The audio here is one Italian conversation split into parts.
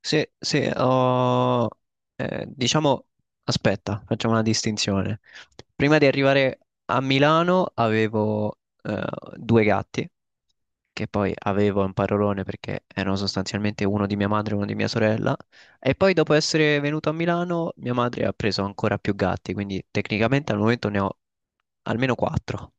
Sì, sì, eh, diciamo, aspetta, facciamo una distinzione. Prima di arrivare a Milano avevo due gatti, che poi avevo un parolone perché erano sostanzialmente uno di mia madre e uno di mia sorella, e poi dopo essere venuto a Milano mia madre ha preso ancora più gatti, quindi tecnicamente al momento ne ho almeno quattro.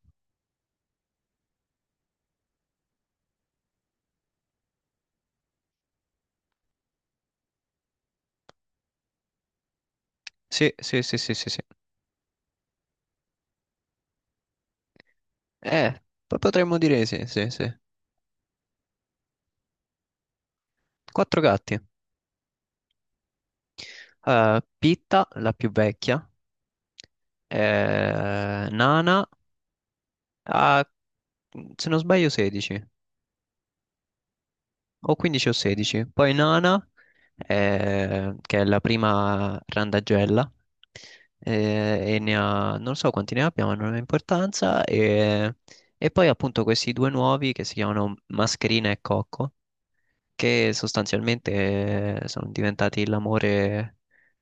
Sì, sì, sì, sì, sì, sì. Eh, Potremmo dire sì, sì, sì. Quattro gatti. Pitta, la più vecchia, Nana ha, se non sbaglio, 16 o 15 o 16. Poi Nana, che è la prima randagella, e ne ha, non so quanti ne abbia, ma non ha importanza. E poi appunto questi due nuovi che si chiamano Mascherina e Cocco, che sostanzialmente sono diventati l'amore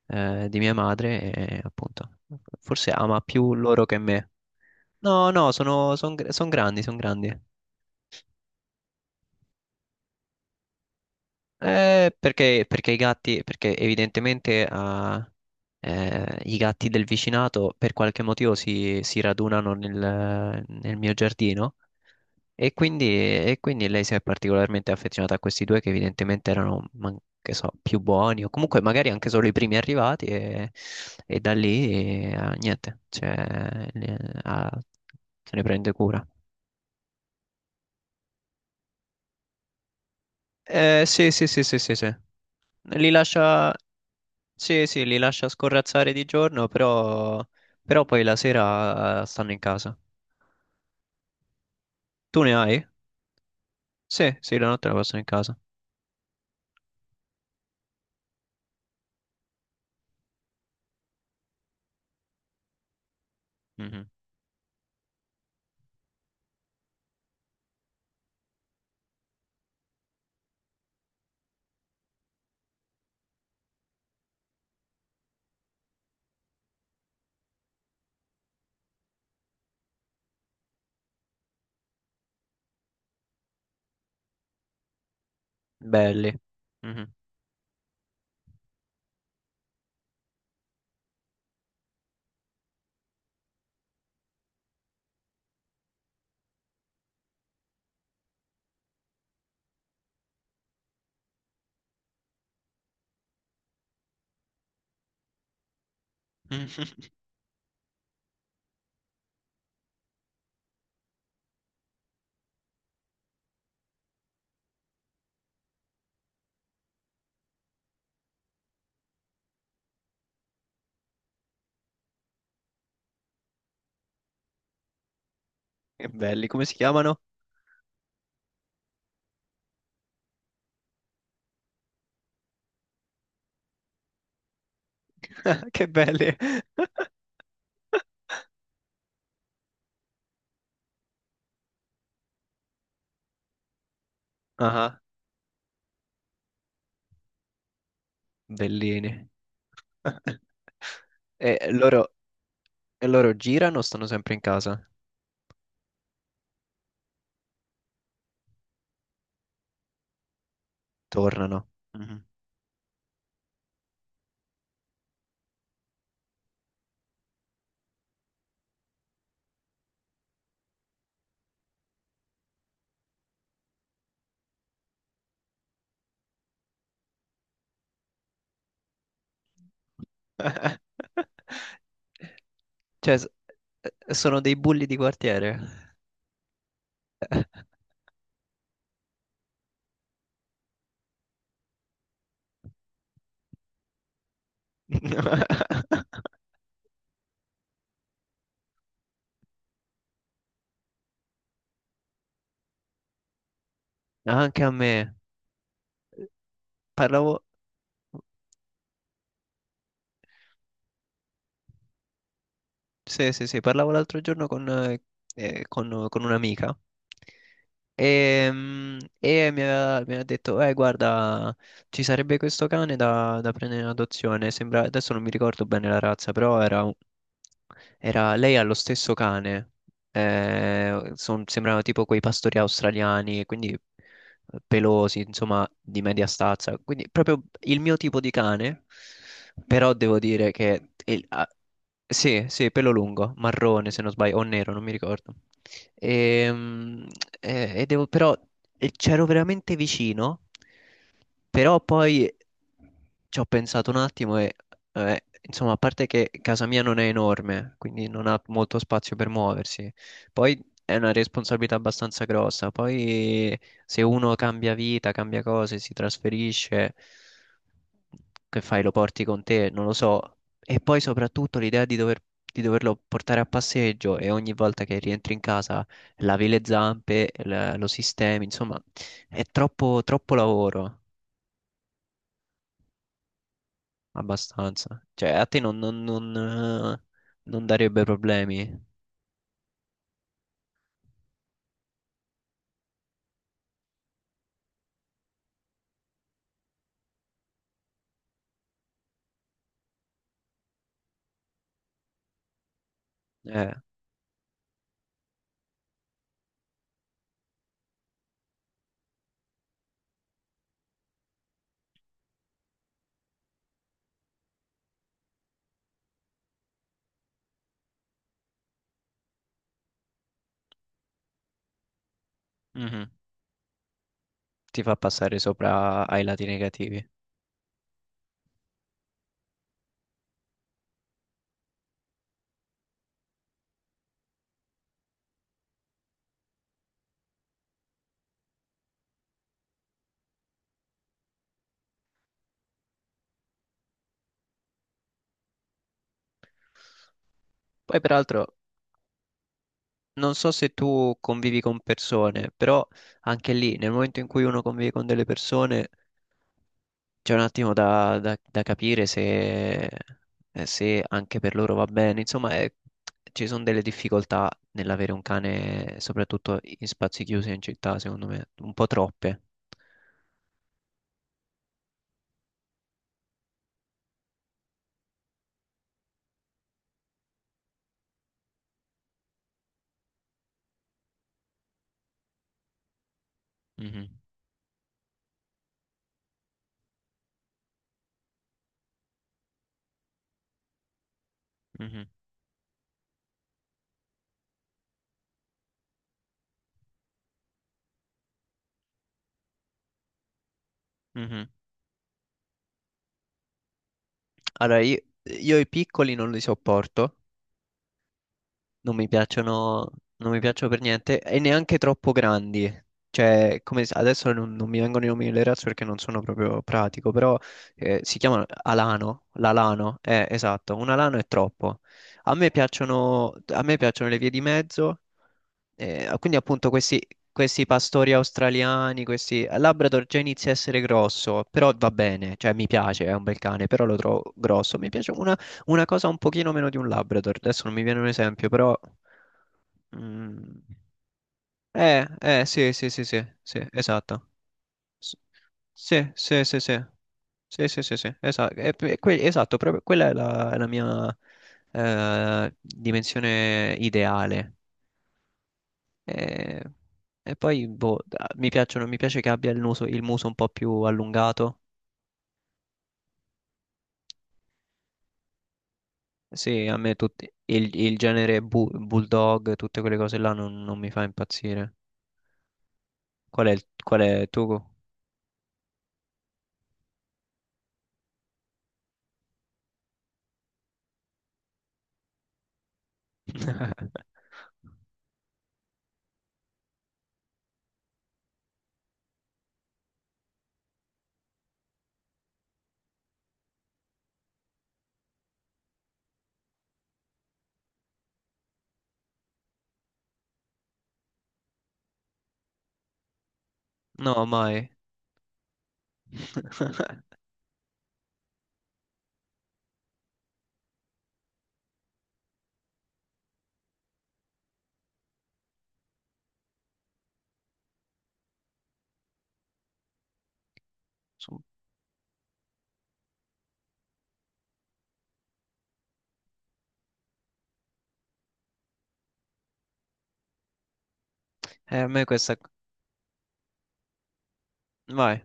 di mia madre e appunto forse ama più loro che me. No, no, sono, son grandi, sono grandi. Perché i gatti, perché evidentemente i gatti del vicinato per qualche motivo si radunano nel mio giardino. E quindi lei si è particolarmente affezionata a questi due che evidentemente che so, più buoni o comunque magari anche solo i primi arrivati e da lì niente, cioè, ah, se ne prende cura. Sì, sì, sì, sì, sì, sì. Li lascia, sì, sì, li lascia scorrazzare di giorno, però, però poi la sera stanno in casa. Tu ne hai? Sì, sì, la notte la passano in casa. Mhm. Belli. Mhm. Che belli, come si chiamano? Che belli. Ah, bellini. E loro, e loro girano o stanno sempre in casa? Tornano. Mhm. Cioè, s- Sono dei bulli di quartiere. Anche a me. Parlavo. Sì, sì, sì, parlavo l'altro giorno con, con un'amica e, e mi ha detto, guarda, ci sarebbe questo cane da, da prendere in adozione, sembra, adesso non mi ricordo bene la razza, però lei ha lo stesso cane, sembrano tipo quei pastori australiani, quindi pelosi, insomma, di media stazza. Quindi proprio il mio tipo di cane, però devo dire che sì, sì, pelo lungo, marrone se non sbaglio, o nero, non mi ricordo. Ehm, E, devo, però C'ero veramente vicino, però poi ci ho pensato un attimo e, insomma, a parte che casa mia non è enorme, quindi non ha molto spazio per muoversi, poi è una responsabilità abbastanza grossa. Poi se uno cambia vita, cambia cose, si trasferisce, che fai? Lo porti con te? Non lo so. E poi soprattutto l'idea di doverlo portare a passeggio e ogni volta che rientri in casa lavi le zampe, lo sistemi, insomma, è troppo, troppo lavoro. Abbastanza. Cioè, a te non, non- non, Non darebbe problemi. Eh, mhm. Ti fa passare sopra ai lati negativi. Poi, peraltro, non so se tu convivi con persone, però anche lì, nel momento in cui uno convive con delle persone, c'è un attimo da capire se, se anche per loro va bene. Ci sono delle difficoltà nell'avere un cane, soprattutto in spazi chiusi in città, secondo me, un po' troppe. Mhm, mhm. Mhm. Allora, io i piccoli non li sopporto, non mi piacciono, non mi piacciono per niente e neanche troppo grandi. Adesso non, non mi vengono i nomi delle razze perché non sono proprio pratico, però si chiamano alano, l'alano, esatto, un alano è troppo. A me piacciono le vie di mezzo. Quindi appunto questi, questi pastori australiani, questi, il Labrador già inizia a essere grosso, però va bene, cioè mi piace, è un bel cane, però lo trovo grosso. Mi piace una cosa un pochino meno di un Labrador, adesso non mi viene un esempio, però mm, sì, sì, sì, sì, sì, esatto. S- Sì, sì, sì, sì. Sì, sì, sì, sì, esatto, esatto, proprio quella è la mia dimensione ideale. E, e poi boh, mi piacciono, mi piace che abbia il muso un po' più allungato. Sì, a me tutti, il genere bulldog, tutte quelle cose là non, non mi fa impazzire. Qual è tu? No, mai. Su- a me questa... Vai.